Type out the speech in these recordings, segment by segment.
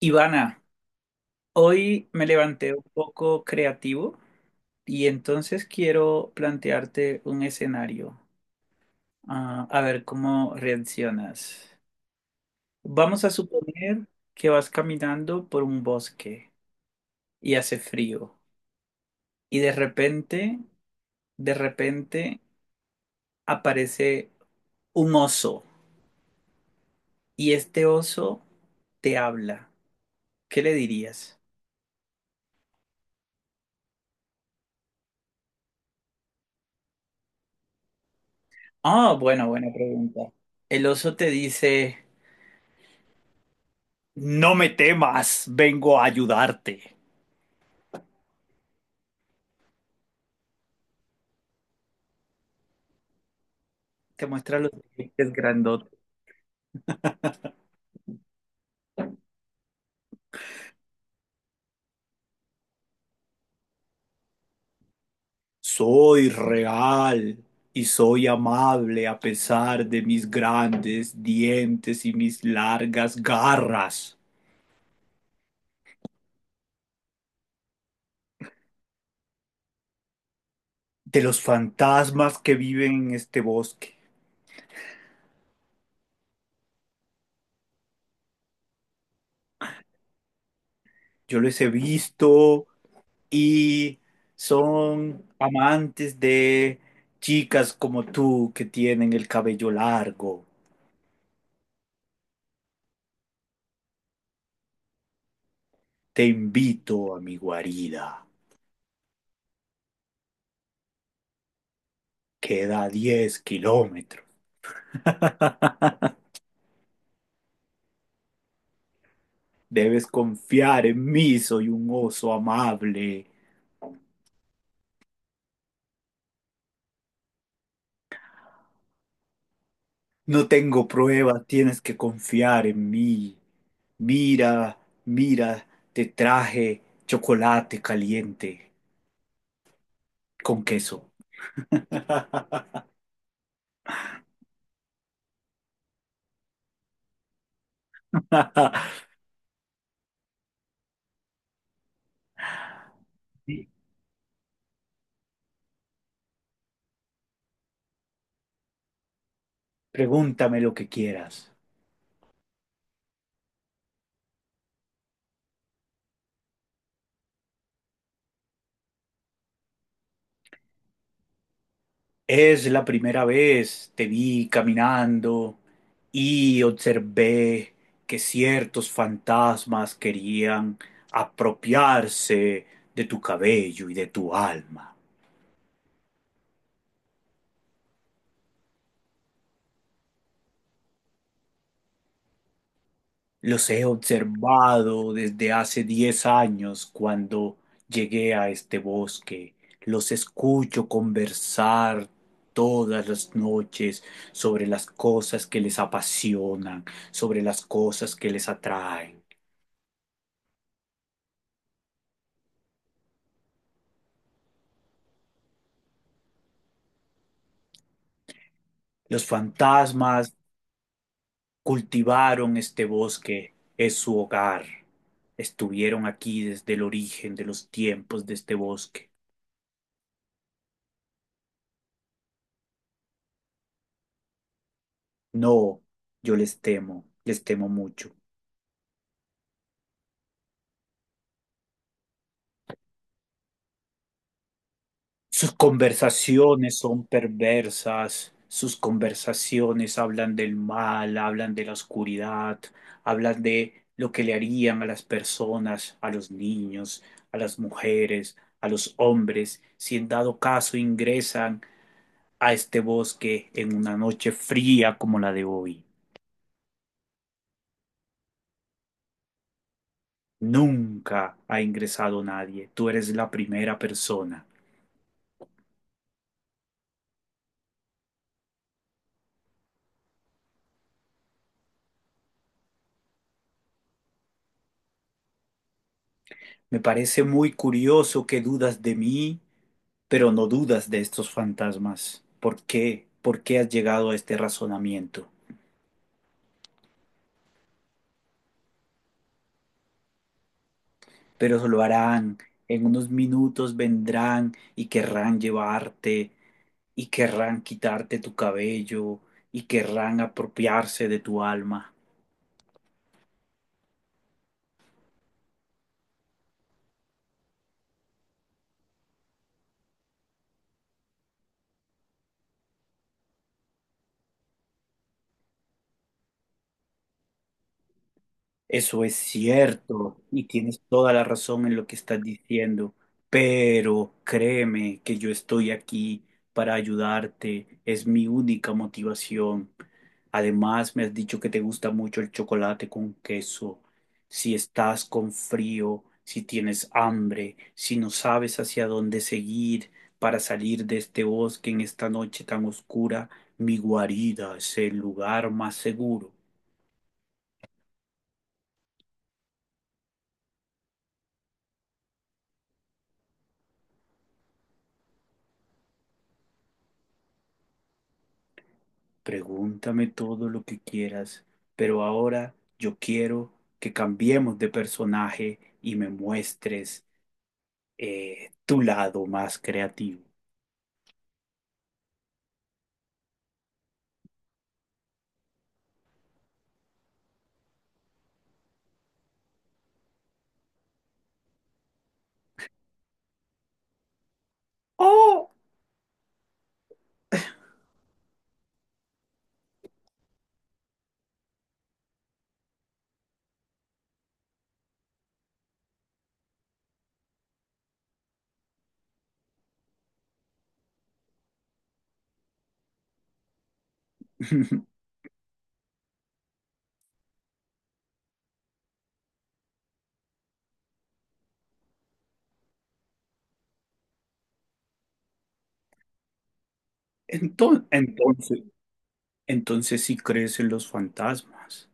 Ivana, hoy me levanté un poco creativo y entonces quiero plantearte un escenario, a ver cómo reaccionas. Vamos a suponer que vas caminando por un bosque y hace frío y de repente aparece un oso y este oso te habla. ¿Qué le dirías? Ah, bueno, buena pregunta. El oso te dice. No me temas, vengo a ayudarte. Te muestra los dientes grandotes. Soy real y soy amable a pesar de mis grandes dientes y mis largas garras. De los fantasmas que viven en este bosque. Yo les he visto y son amantes de chicas como tú que tienen el cabello largo. Te invito a mi guarida. Queda 10 kilómetros. Debes confiar en mí, soy un oso amable. No tengo pruebas, tienes que confiar en mí. Mira, mira, te traje chocolate caliente con queso. Pregúntame lo que quieras. Es la primera vez te vi caminando y observé que ciertos fantasmas querían apropiarse de tu cabello y de tu alma. Los he observado desde hace 10 años cuando llegué a este bosque. Los escucho conversar todas las noches sobre las cosas que les apasionan, sobre las cosas que les atraen. Los fantasmas cultivaron este bosque, es su hogar. Estuvieron aquí desde el origen de los tiempos de este bosque. No, yo les temo mucho. Sus conversaciones son perversas, sus conversaciones hablan del mal, hablan de la oscuridad, hablan de lo que le harían a las personas, a los niños, a las mujeres, a los hombres, si en dado caso ingresan a este bosque en una noche fría como la de hoy. Nunca ha ingresado nadie. Tú eres la primera persona. Me parece muy curioso que dudas de mí, pero no dudas de estos fantasmas. ¿Por qué? ¿Por qué has llegado a este razonamiento? Pero eso lo harán. En unos minutos vendrán y querrán llevarte y querrán quitarte tu cabello y querrán apropiarse de tu alma. Eso es cierto y tienes toda la razón en lo que estás diciendo, pero créeme que yo estoy aquí para ayudarte, es mi única motivación. Además, me has dicho que te gusta mucho el chocolate con queso. Si estás con frío, si tienes hambre, si no sabes hacia dónde seguir para salir de este bosque en esta noche tan oscura, mi guarida es el lugar más seguro. Pregúntame todo lo que quieras, pero ahora yo quiero que cambiemos de personaje y me muestres tu lado más creativo. ¡Oh! Enton- Entonces, entonces, sí crees en los fantasmas.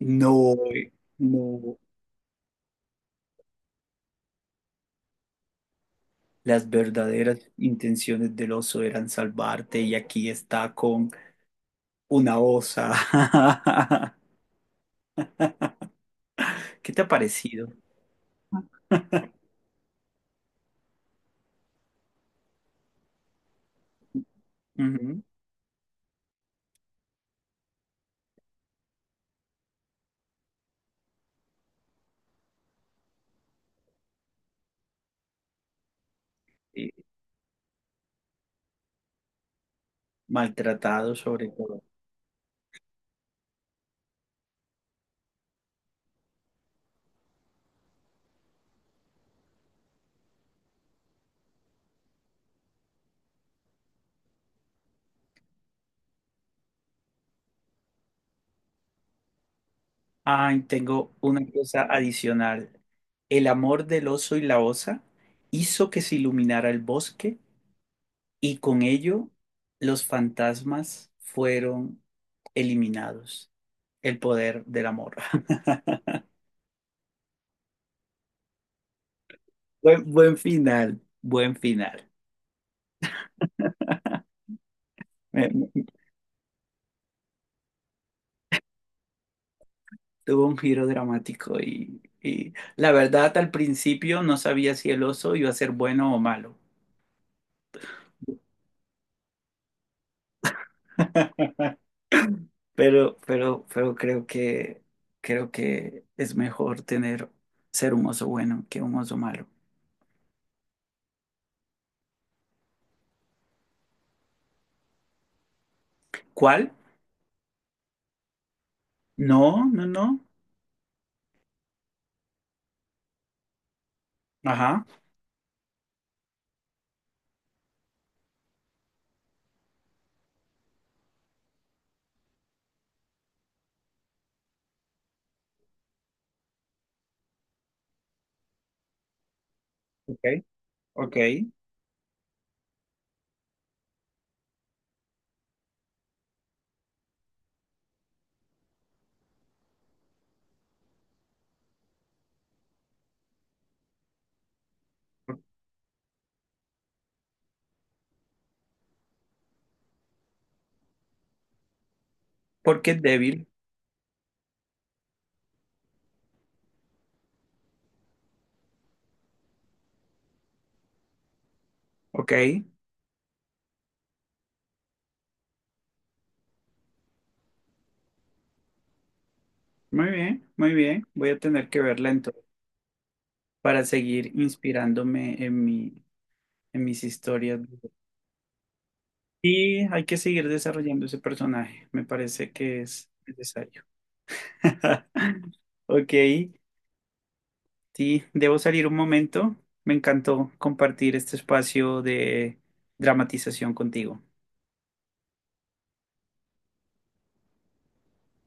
No, no. Las verdaderas intenciones del oso eran salvarte y aquí está con una osa. ¿Qué te ha parecido? Ujú. Eh, Maltratado sobre todo. Ay, tengo una cosa adicional. El amor del oso y la osa hizo que se iluminara el bosque y con ello los fantasmas fueron eliminados. El poder del amor. Buen final, buen final. Me- me- Tuvo un giro dramático y la verdad al principio no sabía si el oso iba a ser bueno o malo. Pero creo creo que es mejor ser un oso bueno que un oso malo. ¿Cuál? No. Ajá, ok, ok. Porque es débil. Ok, muy bien. Voy a tener que verla entonces para seguir inspirándome en en mis historias. Y hay que seguir desarrollando ese personaje. Me parece que es necesario. Ok, sí, debo salir un momento. Me encantó compartir este espacio de dramatización contigo.